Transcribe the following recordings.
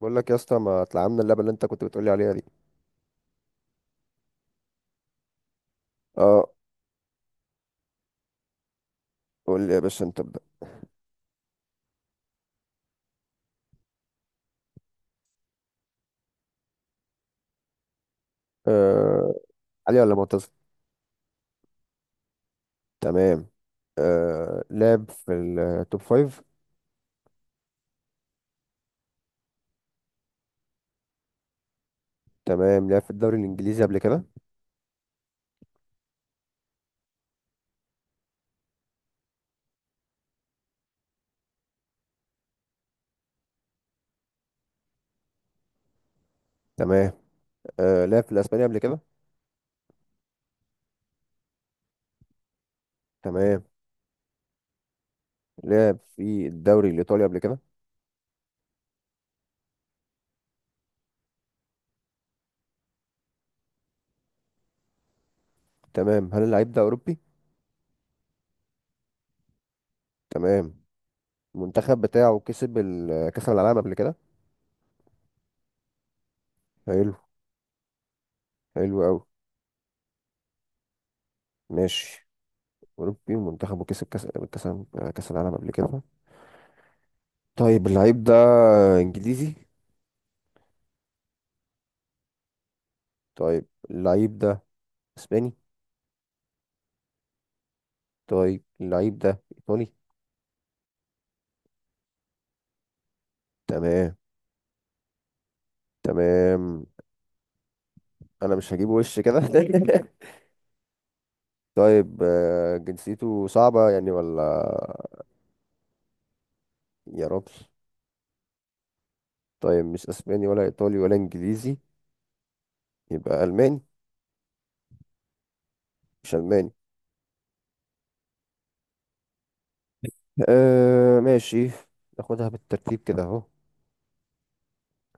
بقول لك يا اسطى، ما اتلعبنا اللعبه اللي انت كنت بتقولي عليها دي. اه. قول لي يا باشا، انت ابدا. آه، علي ولا معتز؟ تمام. آه، لعب في التوب فايف؟ تمام. لعب في الدوري الانجليزي قبل كده؟ تمام. آه، لعب في الاسباني قبل كده؟ تمام. لعب في الدوري الايطالي قبل كده؟ تمام. هل اللعيب ده اوروبي؟ تمام. المنتخب بتاعه كسب كاس العالم قبل كده؟ حلو. حلو قوي. ماشي. اوروبي ومنتخبه كسب كاس كاس العالم قبل كده. طيب، اللعيب ده انجليزي؟ طيب، اللعيب ده اسباني؟ طيب، اللعيب ده ايطالي؟ تمام. تمام. انا مش هجيب وش كده. طيب، جنسيته صعبة يعني ولا؟ يا رب. طيب، مش اسباني ولا ايطالي ولا انجليزي، يبقى الماني؟ مش الماني. آه، ماشي. ناخدها بالترتيب كده اهو،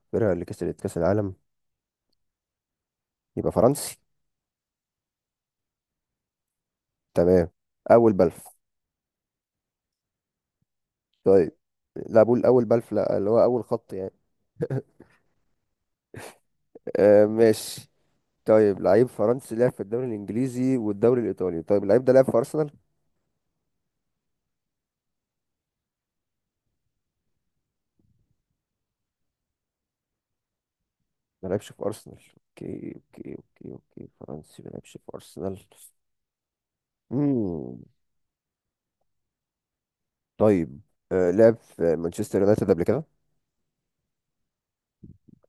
الفرقة اللي كسبت كاس العالم يبقى فرنسي. تمام. اول بلف. طيب. لا، بقول اول بلف، لا، اللي هو اول خط يعني. آه، ماشي. طيب، لعيب فرنسي لعب في الدوري الانجليزي والدوري الايطالي، طيب اللعيب ده لعب في ارسنال؟ ما لعبش في ارسنال. اوكي، اوكي. اوكي اوكي، فرنسي ما لعبش في ارسنال. امم طيب، لعب في مانشستر يونايتد قبل كده؟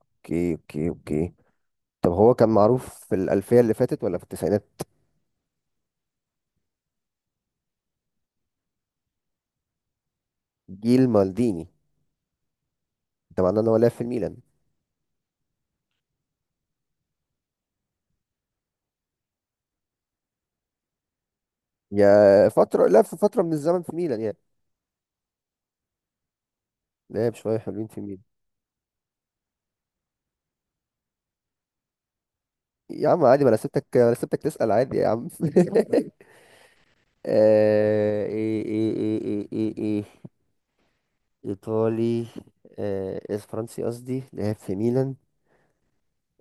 اوكي، اوكي، اوكي. طب هو كان معروف في الالفيه اللي فاتت ولا في التسعينات؟ جيل مالديني. ده معناه ان هو لعب في الميلان. يا فتره، لعب في فتره من الزمن في ميلان يعني. لعب شويه حلوين في ميلان. يا عم عادي، ما انا سبتك تسأل عادي يا عم. آه، ايه، ايه، ايه، ايه، ايه، ايه. ايطالي. آه، إيه، فرنسي قصدي، لعب في ميلان.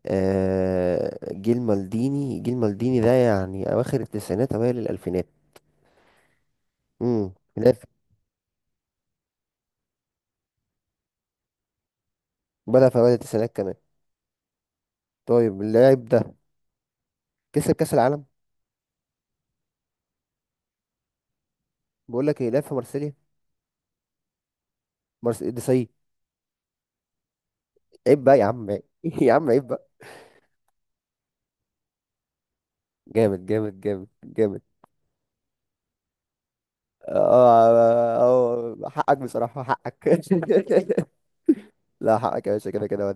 آه، جيل مالديني. جيل مالديني ده يعني اواخر التسعينات اوائل الالفينات. امم لعب في- بدأ في اوائل التسعينات كمان. طيب، اللاعب ده كسب كاس العالم. بقول لك ايه، لعب في مارسيليا. مارس ديساي. عيب بقى يا عم، عيب. يا عم عيب بقى. جامد، جامد، جامد، جامد. اه، آه، آه، حقك بصراحة، حقك. لا، حقك يا باشا، كده كده.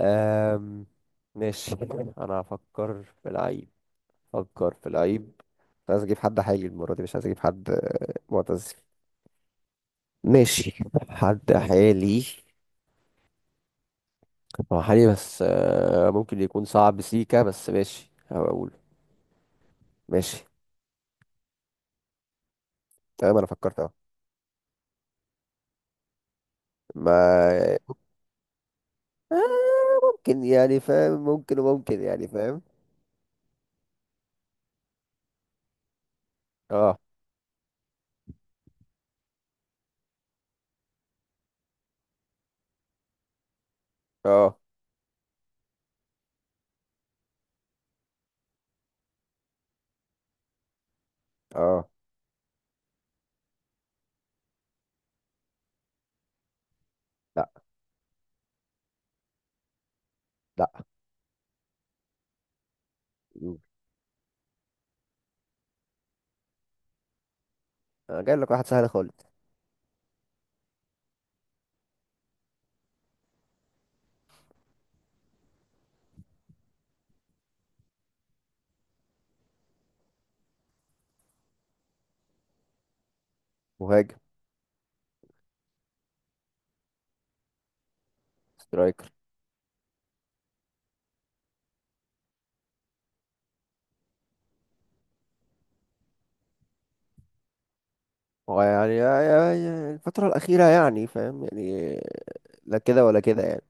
أم... ماشي. انا هفكر في العيب. فكر في العيب. مش عايز اجيب حد حالي المره دي، مش عايز اجيب حد معتزل. ماشي. حد حالي. هو حالي، بس ممكن يكون صعب سيكا، بس ماشي هقول. ماشي. تمام، انا فكرت اهو. ما آه، ممكن يعني، فاهم؟ ممكن وممكن يعني، فاهم؟ اه، اه، اه. لا، لا. انا جايب لك واحد سهل خالص. مهاجم سترايكر. هو يعني يا الفترة الأخيرة يعني، فاهم يعني؟ لا كده ولا كده يعني.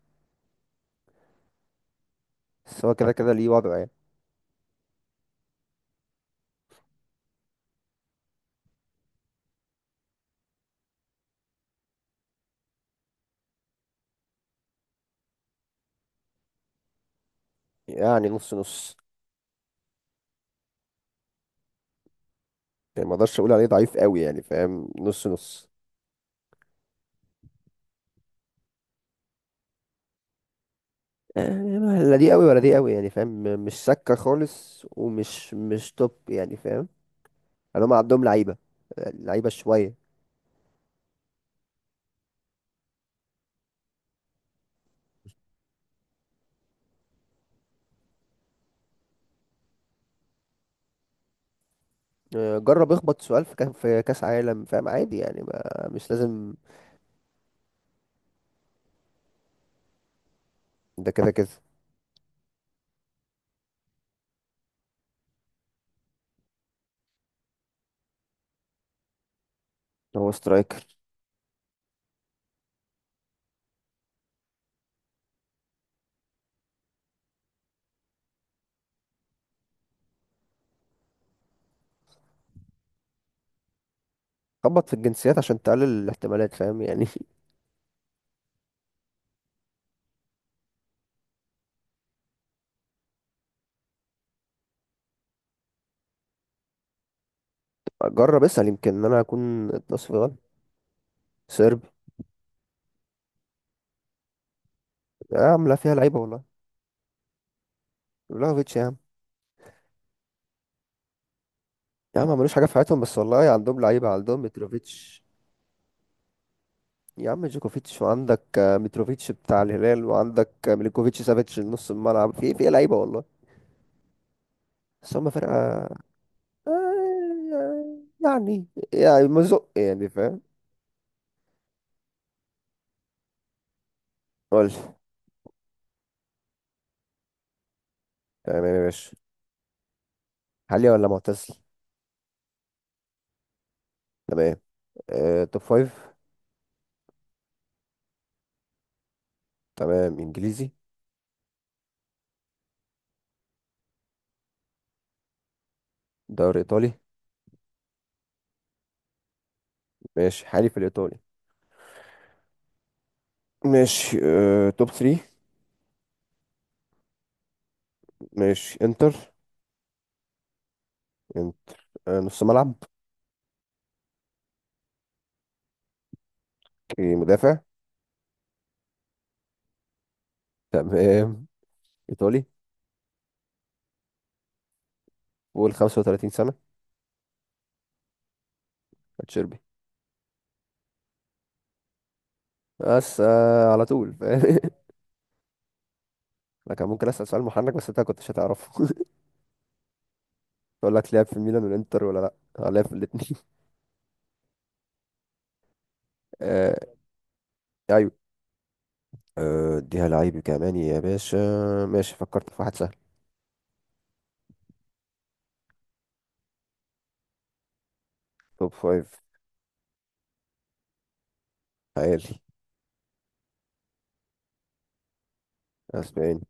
بس هو كده كده ليه وضعه يعني. يعني نص نص. يعني ما اقدرش اقول عليه ضعيف قوي يعني، فاهم؟ نص نص. يعني لا دي قوي ولا دي قوي، يعني فاهم؟ مش سكة خالص، ومش مش توب يعني، فاهم؟ يعني هم عندهم لعيبة، لعيبة شوية. آه، جرب اخبط سؤال في في كأس عالم، فاهم؟ عادي يعني، ما مش لازم. ده كده كده. هو سترايكر. خبط في الجنسيات عشان تقلل الاحتمالات، فاهم يعني؟ جرب اسأل، يمكن ان انا اكون النصف غلط. سيرب. يا عم لا، فيها لعيبه والله. بلاغوفيتش يا عم. يا عم ملوش حاجه في حياتهم، بس والله عندهم لعيبه، عندهم متروفيتش. يا عم جوكوفيتش، وعندك آه، متروفيتش بتاع الهلال، وعندك آه، ميليكوفيتش، سافيتش، نص الملعب في لعيبه والله. بس هم فرقه. آه، يعني. يعني مزق يعني، فاهم؟ قول لي. تمام يا باشا. حالي ولا معتزل. تمام. أه، توب فايف. تمام. انجليزي؟ دوري ايطالي. ماشي، حالي في الايطالي. ماشي. أه، توب 3. ماشي. انتر. انت- آه، نص ملعب. اوكي، مدافع. تمام. ايطالي. فوق 35 سنه. اتشيربي. بس آه، على طول فاهم. انا كان ممكن اسال سؤال محنك بس انت كنتش هتعرفه. اقول لك لعب في ميلان والانتر، ولا لا؟ آه، لعب في الاثنين. آه. ايوه. آه، اديها لعيب كمان يا باشا. ماشي، فكرت في واحد سهل. توب فايف. عالي. اسباني.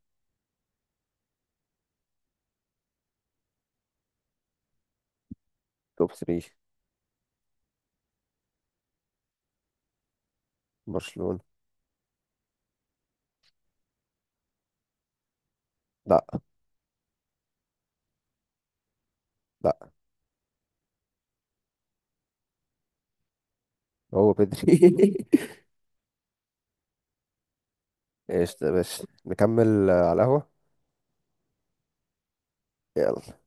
توب 3. برشلونه. لا. لا. هو بدري. ايش ده يا باشا، نكمل على القهوه. يلا.